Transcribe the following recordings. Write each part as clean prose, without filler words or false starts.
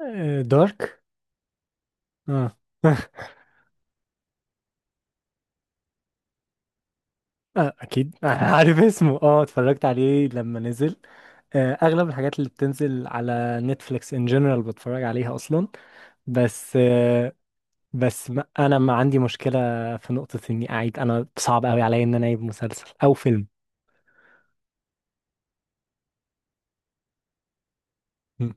آه، دارك. اه آه، اكيد. آه، عارف اسمه، اتفرجت عليه لما نزل. آه، اغلب الحاجات اللي بتنزل على نتفليكس ان جنرال بتفرج عليها اصلا. بس آه، بس ما عندي مشكله في نقطه اني اعيد. انا صعب قوي عليا ان انا اعيد مسلسل او فيلم. مم،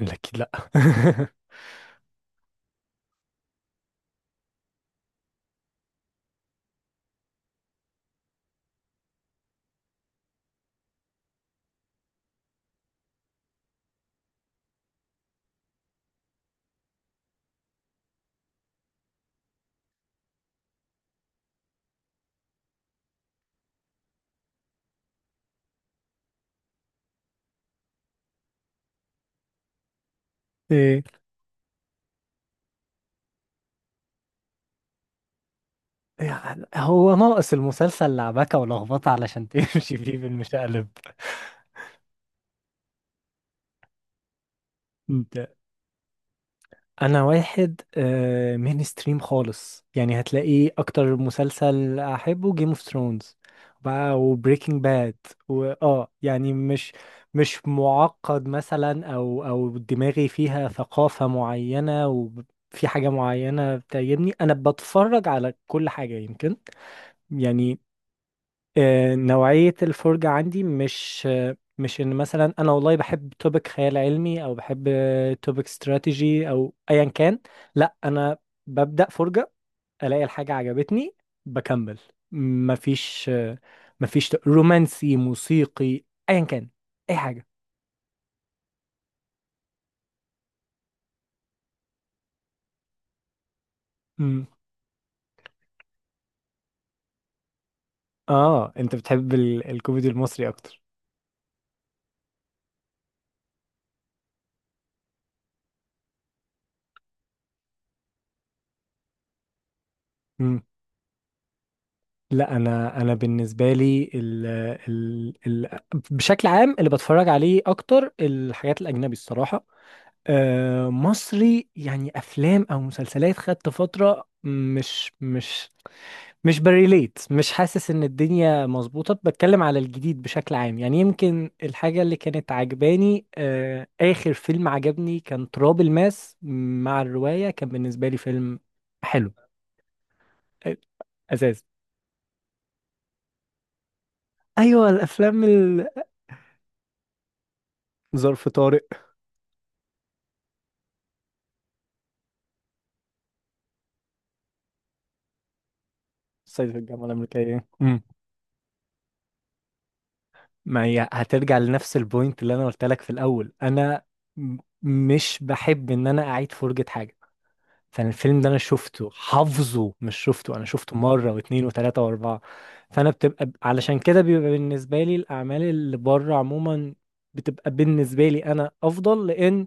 اكيد لا. ايه، يعني هو ناقص المسلسل لعبكه ولخبطه علشان تمشي فيه بالمشقلب. انا واحد مين ستريم خالص، يعني هتلاقيه اكتر مسلسل احبه جيم اوف ثرونز بقى وبريكنج باد. واه يعني مش معقد مثلا، او دماغي فيها ثقافة معينة وفي حاجة معينة بتعجبني. انا بتفرج على كل حاجة، يمكن يعني. آه، نوعية الفرجة عندي مش ان مثلا انا والله بحب توبيك خيال علمي او بحب توبيك استراتيجي او ايا كان. لا انا ببدأ فرجة، الاقي الحاجة عجبتني بكمل. مفيش آه، مفيش رومانسي، موسيقي، ايا كان، اي حاجة. مم. اه، انت بتحب الكوميدي المصري اكتر. مم. لا، انا بالنسبه لي ال ال ال بشكل عام اللي بتفرج عليه اكتر الحاجات الاجنبي الصراحه. آه، مصري يعني افلام او مسلسلات، خدت فتره مش بريليت، مش حاسس ان الدنيا مظبوطه. بتكلم على الجديد بشكل عام، يعني يمكن الحاجه اللي كانت عجباني، آه، اخر فيلم عجبني كان تراب الماس مع الروايه، كان بالنسبه لي فيلم حلو. آه، اساس. ايوه الافلام ظرف طارق، صعيدي في الجامعه الامريكيه. ما هي هترجع لنفس البوينت اللي انا قلت لك في الاول. انا مش بحب ان انا اعيد فرجة حاجة، فانا الفيلم ده انا شفته حافظه، مش شفته، انا شفته مرة واتنين وتلاتة واربعة. فانا بتبقى علشان كده بيبقى بالنسبة لي الاعمال اللي بره عموما بتبقى بالنسبة لي انا افضل، لان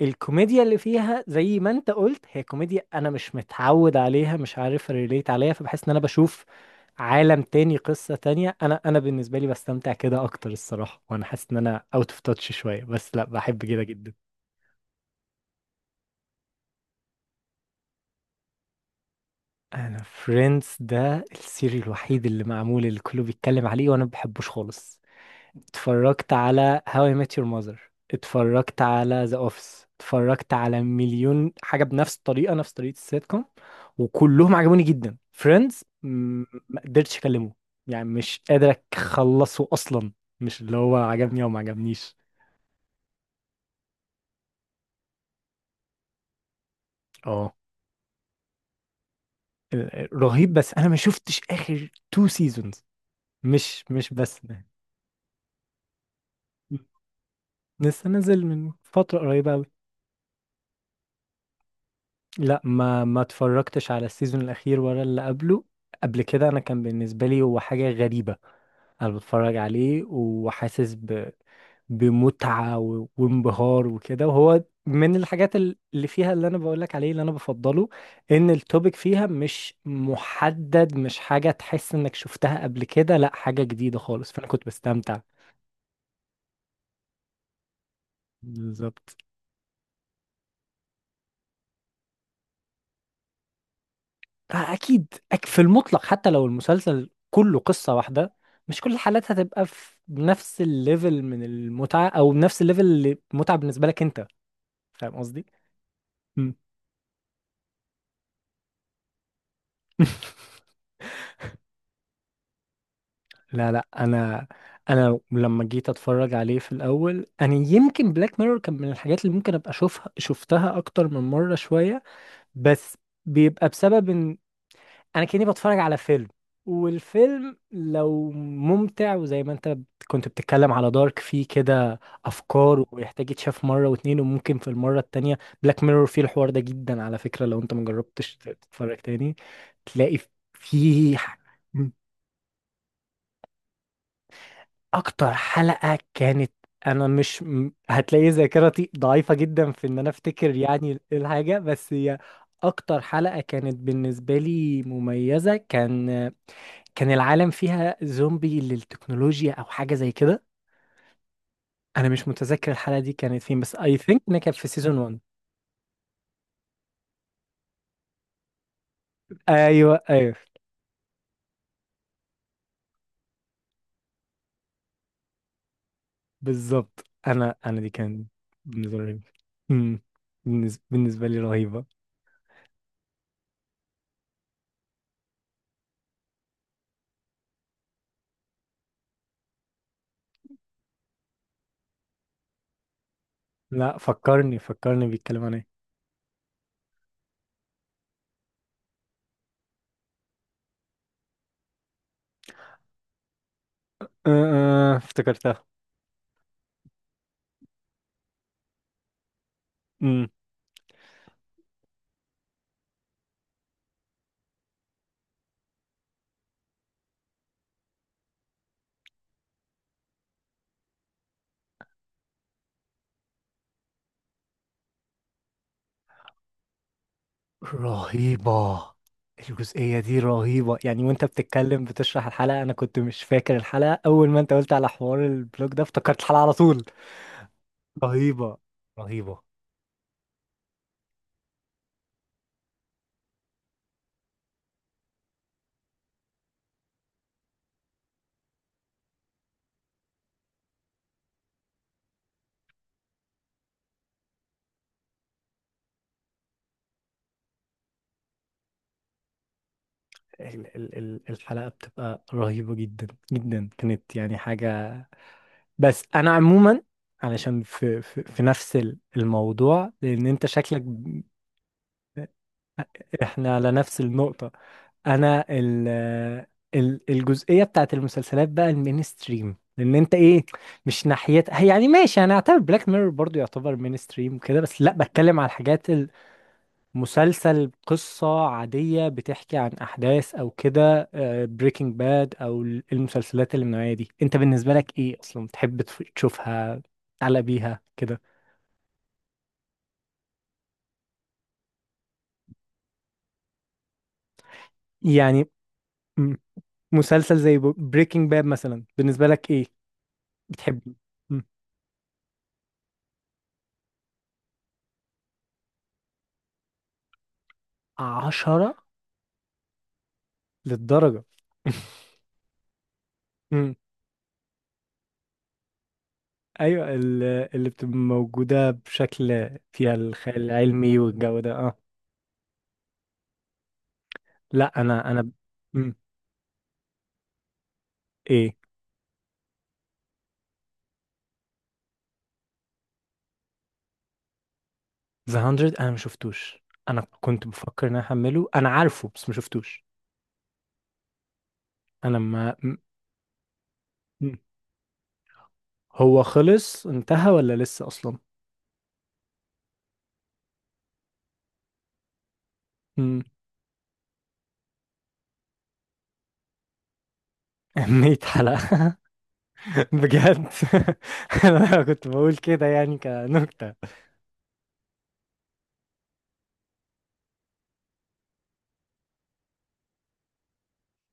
الكوميديا اللي فيها زي ما انت قلت هي كوميديا انا مش متعود عليها، مش عارف ريليت عليها، فبحس ان انا بشوف عالم تاني، قصة تانية. انا بالنسبة لي بستمتع كده اكتر الصراحة، وانا حاسس ان انا اوت اوف تاتش شوية، بس لا بحب كده جدا. انا فريندز ده السيري الوحيد اللي معمول، اللي كله بيتكلم عليه وانا ما بحبوش خالص. اتفرجت على هاو اي ميت يور ماذر، اتفرجت على ذا اوفيس، اتفرجت على مليون حاجة بنفس الطريقة، نفس طريقة السيت كوم، وكلهم عجبوني جدا. فريندز ما قدرتش اكلمه، يعني مش قادر اخلصه اصلا. مش اللي هو عجبني او ما عجبنيش. اه. رهيب، بس انا ما شفتش اخر تو سيزونز. مش مش بس ده. لسه نزل من فترة قريبة أوي. لا، ما ما اتفرجتش على السيزون الأخير ولا اللي قبله. قبل كده أنا كان بالنسبة لي هو حاجة غريبة، انا بتفرج عليه وحاسس ب... بمتعة و... وانبهار وكده. وهو من الحاجات اللي فيها اللي انا بقولك عليه، اللي انا بفضله ان التوبيك فيها مش محدد، مش حاجة تحس انك شفتها قبل كده، لا حاجة جديدة خالص، فانا كنت بستمتع. بالظبط. آه، اكيد. في المطلق، حتى لو المسلسل كله قصة واحدة، مش كل الحالات هتبقى في نفس الليفل من المتعة، او نفس الليفل اللي متعة بالنسبة لك انت. فاهم قصدي؟ مم. لا انا انا لما جيت اتفرج عليه في الاول، انا يمكن بلاك ميرور كان من الحاجات اللي ممكن ابقى اشوفها، شفتها اكتر من مره شويه. بس بيبقى بسبب ان انا كاني بتفرج على فيلم. والفيلم لو ممتع، وزي ما انت كنت بتتكلم على دارك، فيه كده افكار ويحتاج يتشاف مره واتنين، وممكن في المره التانية بلاك ميرور فيه الحوار ده جدا. على فكره، لو انت مجربتش تتفرج تاني، تلاقي فيه. اكتر حلقة كانت، انا مش م- هتلاقي ذاكرتي ضعيفة جدا في ان انا افتكر يعني إيه الحاجة، بس هي اكتر حلقة كانت بالنسبة لي مميزة، كان كان العالم فيها زومبي للتكنولوجيا او حاجة زي كده. انا مش متذكر الحلقة دي كانت فين، بس اي ثينك انها كانت في سيزون 1. ايوه ايوه، بالظبط، انا دي كان بالنسبة لي. مم. بالنسبة لي رهيبة. لا، فكرني فكرني، بيتكلم عن ايه. أه، أه، افتكرتها. رهيبة. الجزئية دي رهيبة، يعني وانت بتتكلم بتشرح الحلقة انا كنت مش فاكر الحلقة، اول ما انت قلت على حوار البلوج ده افتكرت الحلقة على طول. رهيبة رهيبة. ال ال ال الحلقة بتبقى رهيبة جدا جدا، كانت يعني حاجة. بس انا عموما علشان في نفس الموضوع، لان انت شكلك احنا على نفس النقطة. انا ال الجزئية بتاعت المسلسلات بقى المينستريم، لان انت ايه، مش ناحيتها هي. يعني ماشي انا اعتبر بلاك ميرور برضو يعتبر مينستريم كده، بس لا بتكلم على الحاجات، المسلسل قصة عادية بتحكي عن احداث او كده. بريكنج باد او المسلسلات اللي من النوعية دي انت بالنسبة لك ايه اصلا، تحب تشوفها، تعلق بيها كده يعني. م- مسلسل زي بريكنج باد مثلا بالنسبة لك ايه، بتحبه عشرة للدرجة؟ مم. أيوة. اللي بتبقى موجودة بشكل، فيها الخيال العلمي والجو ده، اه. لا أنا أنا. مم. إيه، ذا هاندرد؟ أنا ما شفتوش، أنا كنت بفكر إن أنا أحمله، أنا عارفه بس ما شفتوش. أنا ما مم. مم. هو خلص انتهى ولا لسه أصلا؟ مم. 100 حلقة؟ بجد؟ أنا كنت بقول كده يعني كنكتة.